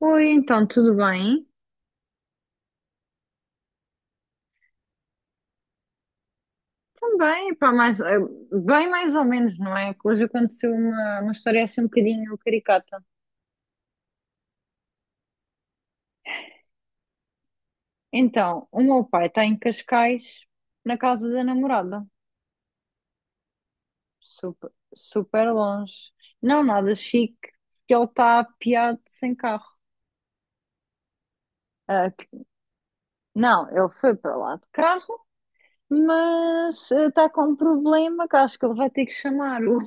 Oi, então, tudo bem? Também, pá, mais, bem mais ou menos, não é? Que hoje aconteceu uma história assim um bocadinho caricata. Então, o meu pai está em Cascais, na casa da namorada. Super, super longe. Não nada chique, porque ele está apeado sem carro. Ah, não, ele foi para lá de carro, mas está com um problema que acho que ele vai ter que chamar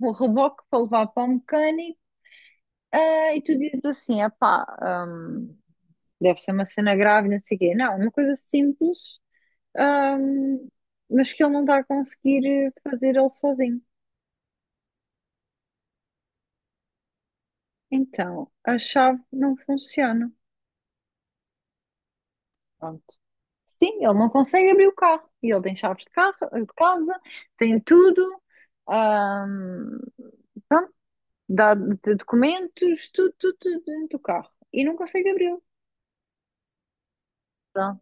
o reboque para levar para o mecânico. Ah, e tu dizes assim, ah pá, deve ser uma cena grave, não sei o quê. Não, uma coisa simples, hum, mas que ele não está a conseguir fazer ele sozinho. Então, a chave não funciona. Pronto. Sim, ele não consegue abrir o carro. E ele tem chaves de carro, de casa, tem tudo, hum, pronto, documentos, tudo, tudo, tudo dentro do carro. E não consegue abri-lo. Pronto.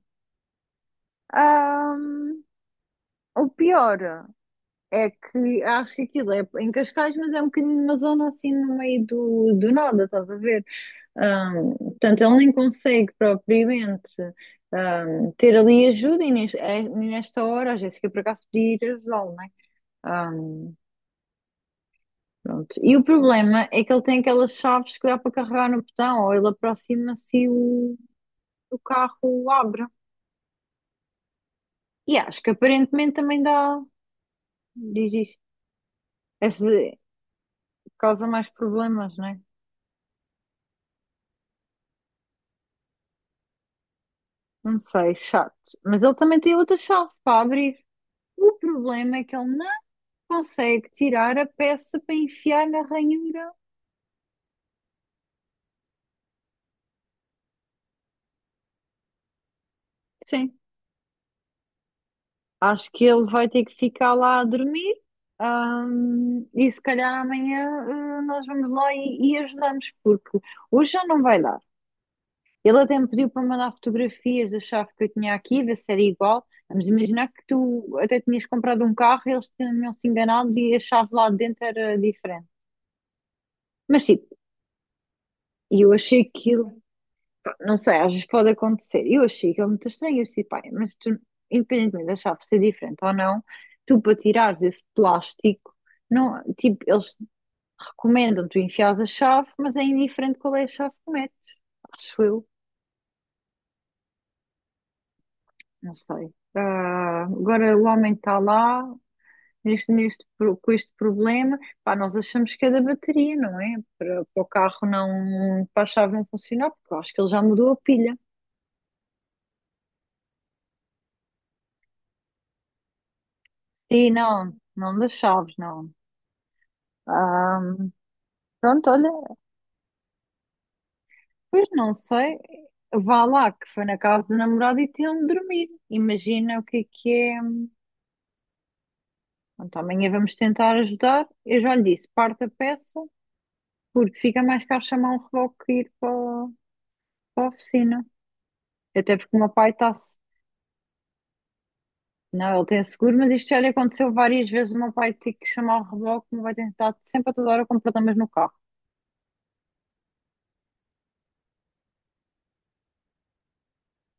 Hum, o pior. É que acho que aquilo é em Cascais, mas é um bocadinho uma zona assim no meio do nada, estás a ver? Portanto, ele nem consegue propriamente ter ali ajuda e nesta hora a Jéssica por acaso podia ir ajudá-lo, não é? Ahm, Pronto. E o problema é que ele tem aquelas chaves que dá para carregar no botão, ou ele aproxima-se e o carro abre. E acho que aparentemente também dá, diz isto, essa causa mais problemas, não é? Não sei, chato. Mas ele também tem outra chave para abrir. O problema é que ele não consegue tirar a peça para enfiar na ranhura. Sim. Acho que ele vai ter que ficar lá a dormir. E se calhar amanhã, nós vamos lá e ajudamos, porque hoje já não vai dar. Ele até me pediu para mandar fotografias da chave que eu tinha aqui, ver se era igual. Vamos imaginar que tu até tinhas comprado um carro, e eles tinham se enganado e a chave lá de dentro era diferente. Mas sim, e eu achei aquilo, pá, não sei, às vezes pode acontecer. Eu achei aquilo muito estranho. Eu disse, pá, mas tu, independentemente de achar ser diferente ou não, tu para tirares esse plástico, não, tipo, eles recomendam tu enfiares a chave, mas é indiferente qual é a chave que metes, acho eu, não sei. Ah, agora o homem está lá, com este problema, pá, nós achamos que é da bateria, não é? Para, para o carro não, para a chave não funcionar, porque eu acho que ele já mudou a pilha. Sim, não, não das chaves, não. Ahm, Pronto, olha, pois não sei. Vá lá, que foi na casa do namorado e tinham de dormir. Imagina o que é que é. Pronto, amanhã vamos tentar ajudar. Eu já lhe disse, parte a peça, porque fica mais caro chamar um reboque que ir para, para a oficina. Até porque o meu pai está. Não, ele tem seguro, mas isto já lhe aconteceu várias vezes. O meu pai tem que chamar o reboque, o meu pai tem estado sempre a toda hora com problemas no carro.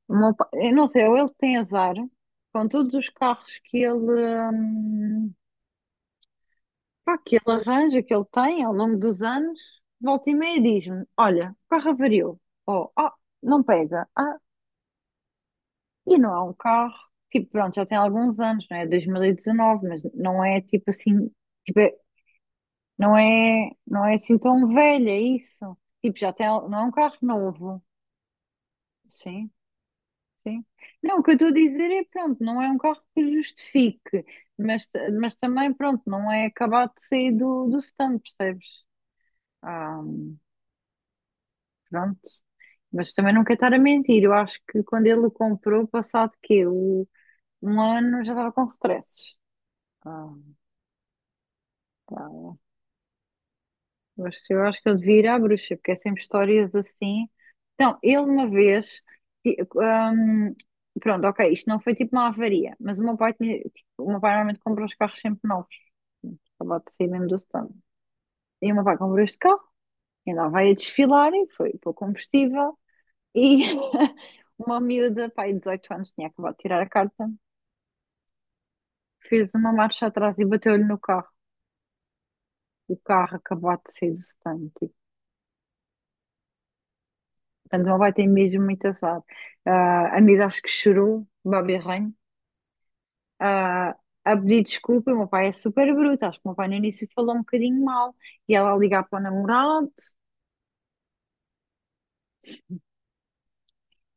Eu não sei, ou ele tem azar com todos os carros que ele. hum, Pá, aquele arranjo que ele tem ao longo dos anos, volta e meia diz-me: Olha, o carro avariou. Ou, ah, não pega. Ah, e não há um carro. Tipo, pronto, já tem alguns anos, não é? 2019, mas não é tipo assim, tipo, é- não é, não é assim tão velha isso. Tipo, já tem, não é um carro novo. Sim, sim. Não, o que eu estou a dizer é, pronto, não é um carro que justifique, mas, mas também, pronto, não é acabado de sair do stand, percebes? Ah, pronto. Mas também não quero estar a mentir. Eu acho que quando ele o comprou, passado quê? Um ano já estava com stresses. Ah, tá. Mas eu acho que ele devia ir à bruxa, porque é sempre histórias assim. Então, ele uma vez. ti- hum, Pronto, ok, isto não foi tipo uma avaria, mas o meu pai tinha. Tipo, o meu pai normalmente compra os carros sempre novos. Acabava de sair mesmo do stand. E o meu pai comprou este carro, e andava aí a desfilar e foi para o combustível. E uma miúda, pai, de 18 anos, tinha acabado de tirar a carta. Fez uma marcha atrás e bateu-lhe no carro. O carro acabou de sair do stand. Tipo. Portanto, ela vai ter mesmo muito azar. Ah, a amiga acho que chorou, Babi Ranho, ah, a pedir desculpa. O meu pai é super bruto. Acho que o meu pai no início falou um bocadinho mal. E ela a ligar para o namorado.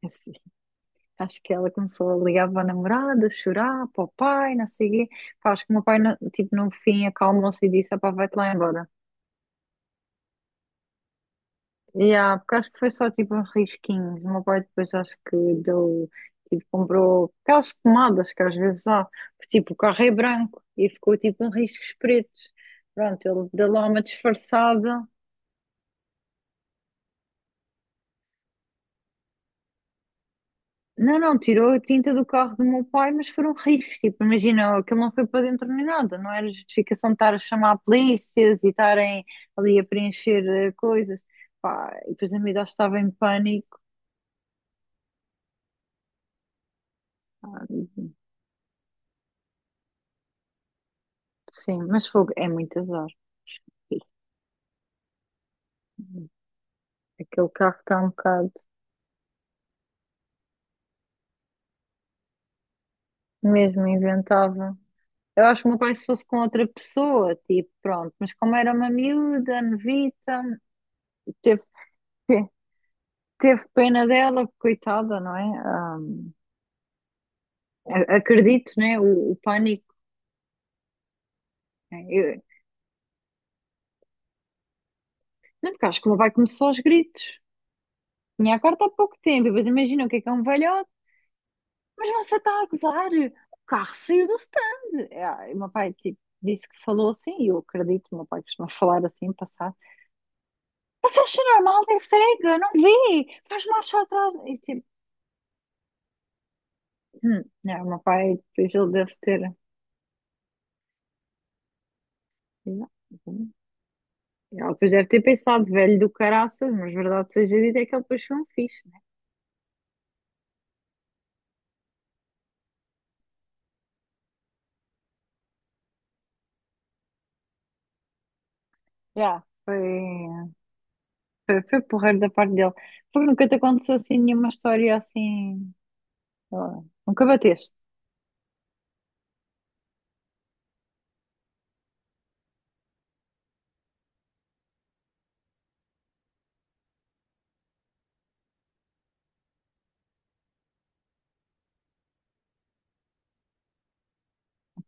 É assim, acho que ela começou a ligar para o namorado, a chorar, para o pai, não sei o quê. Pá, acho que o meu pai, no, tipo, no fim, acalmou-se e disse: "Ah, pá, vai-te lá embora. Yeah, porque acho que foi só tipo uns risquinhos. O meu pai depois acho que deu, tipo, comprou aquelas pomadas que às vezes há, que tipo o carro é branco e ficou tipo uns riscos pretos. Pronto, ele deu lá uma disfarçada. Não, não, tirou a tinta do carro do meu pai, mas foram riscos. Tipo, imagina, aquilo não foi para dentro nem nada. Não era justificação de estar a chamar polícias e estarem ali a preencher coisas. Pá, e depois a miúda estava em pânico. Ah, sim, mas fogo, é muito azar. Aquele carro está um bocado mesmo inventável. Eu acho que o meu pai, se fosse com outra pessoa, tipo, pronto, mas como era uma miúda, novita, teve, te- teve pena dela, coitada, não é? Acredito, né? O pânico. Né? Não, porque acho que o meu pai começou aos gritos. Tinha a carta há pouco tempo, e depois imagina o que é um velhote, mas você está a gozar, o carro saiu do stand. Ah, e o meu pai, tipo, disse que falou assim, e eu acredito, o meu pai costuma falar assim, passado. Você achou normal ter cega? Não vi. Faz marcha atrás. E tipo, não, o meu pai, depois ele deve ter. Não, não. Ele depois deve ter pensado, velho do caraças, mas verdade seja dita, é que ele depois foi um fixe, né? Já. Foi porreiro da parte dele. Porque nunca te aconteceu assim nenhuma história assim. Sei lá. Nunca bateste,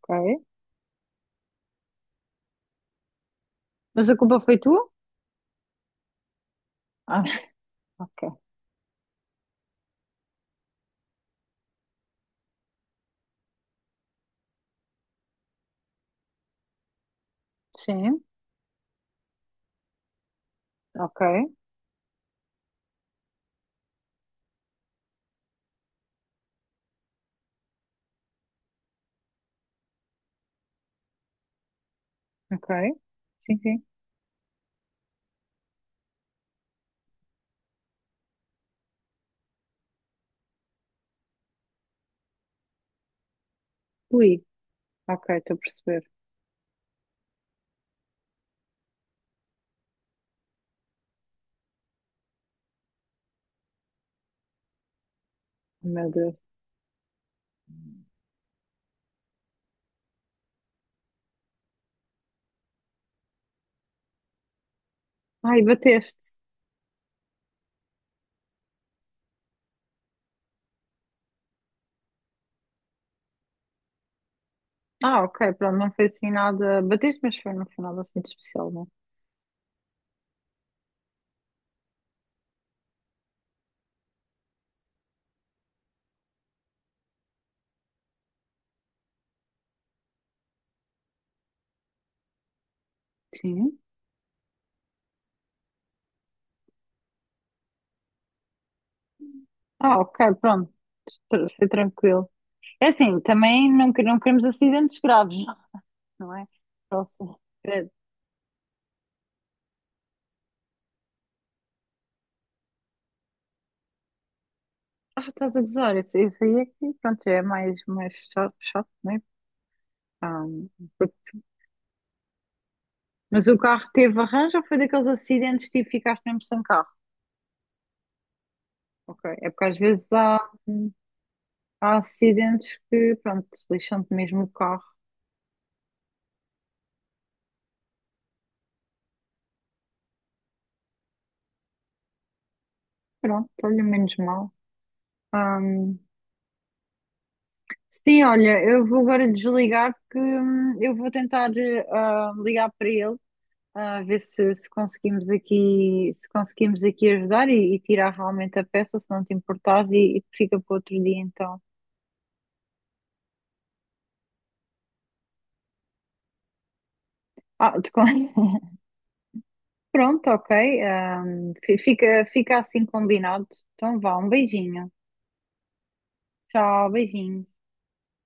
ok? Mas a culpa foi tua? Ah, ok. Sim, ok, ok. Sim, sim. Ui, ok, estou a perceber. Meu Deus. Ai, bateste. Ah, ok, pronto, não foi assim nada. Batiste, mas foi no final assim de especial, não? Sim. Ah, ok, pronto. Foi tranquilo. É assim, também não, não queremos acidentes graves, não, não é? Próximo. É- Ah, estás a gozar, isso aí é que, pronto, já é mais, mais chato, chato, não é? Ah, porque- mas o carro teve arranjo ou foi daqueles acidentes tipo ficaste mesmo sem carro? Ok, é porque às vezes há acidentes que, pronto, lixam-te mesmo o carro. Pronto, olha, menos mal. Ah, sim, olha, eu vou agora desligar que eu vou tentar ligar para ele, a ver se conseguimos aqui, se conseguimos aqui ajudar e tirar realmente a peça, se não te importares, e fica para outro dia então. Ah, pronto, ok. Fica assim combinado. Então vá, um beijinho. Tchau, beijinho.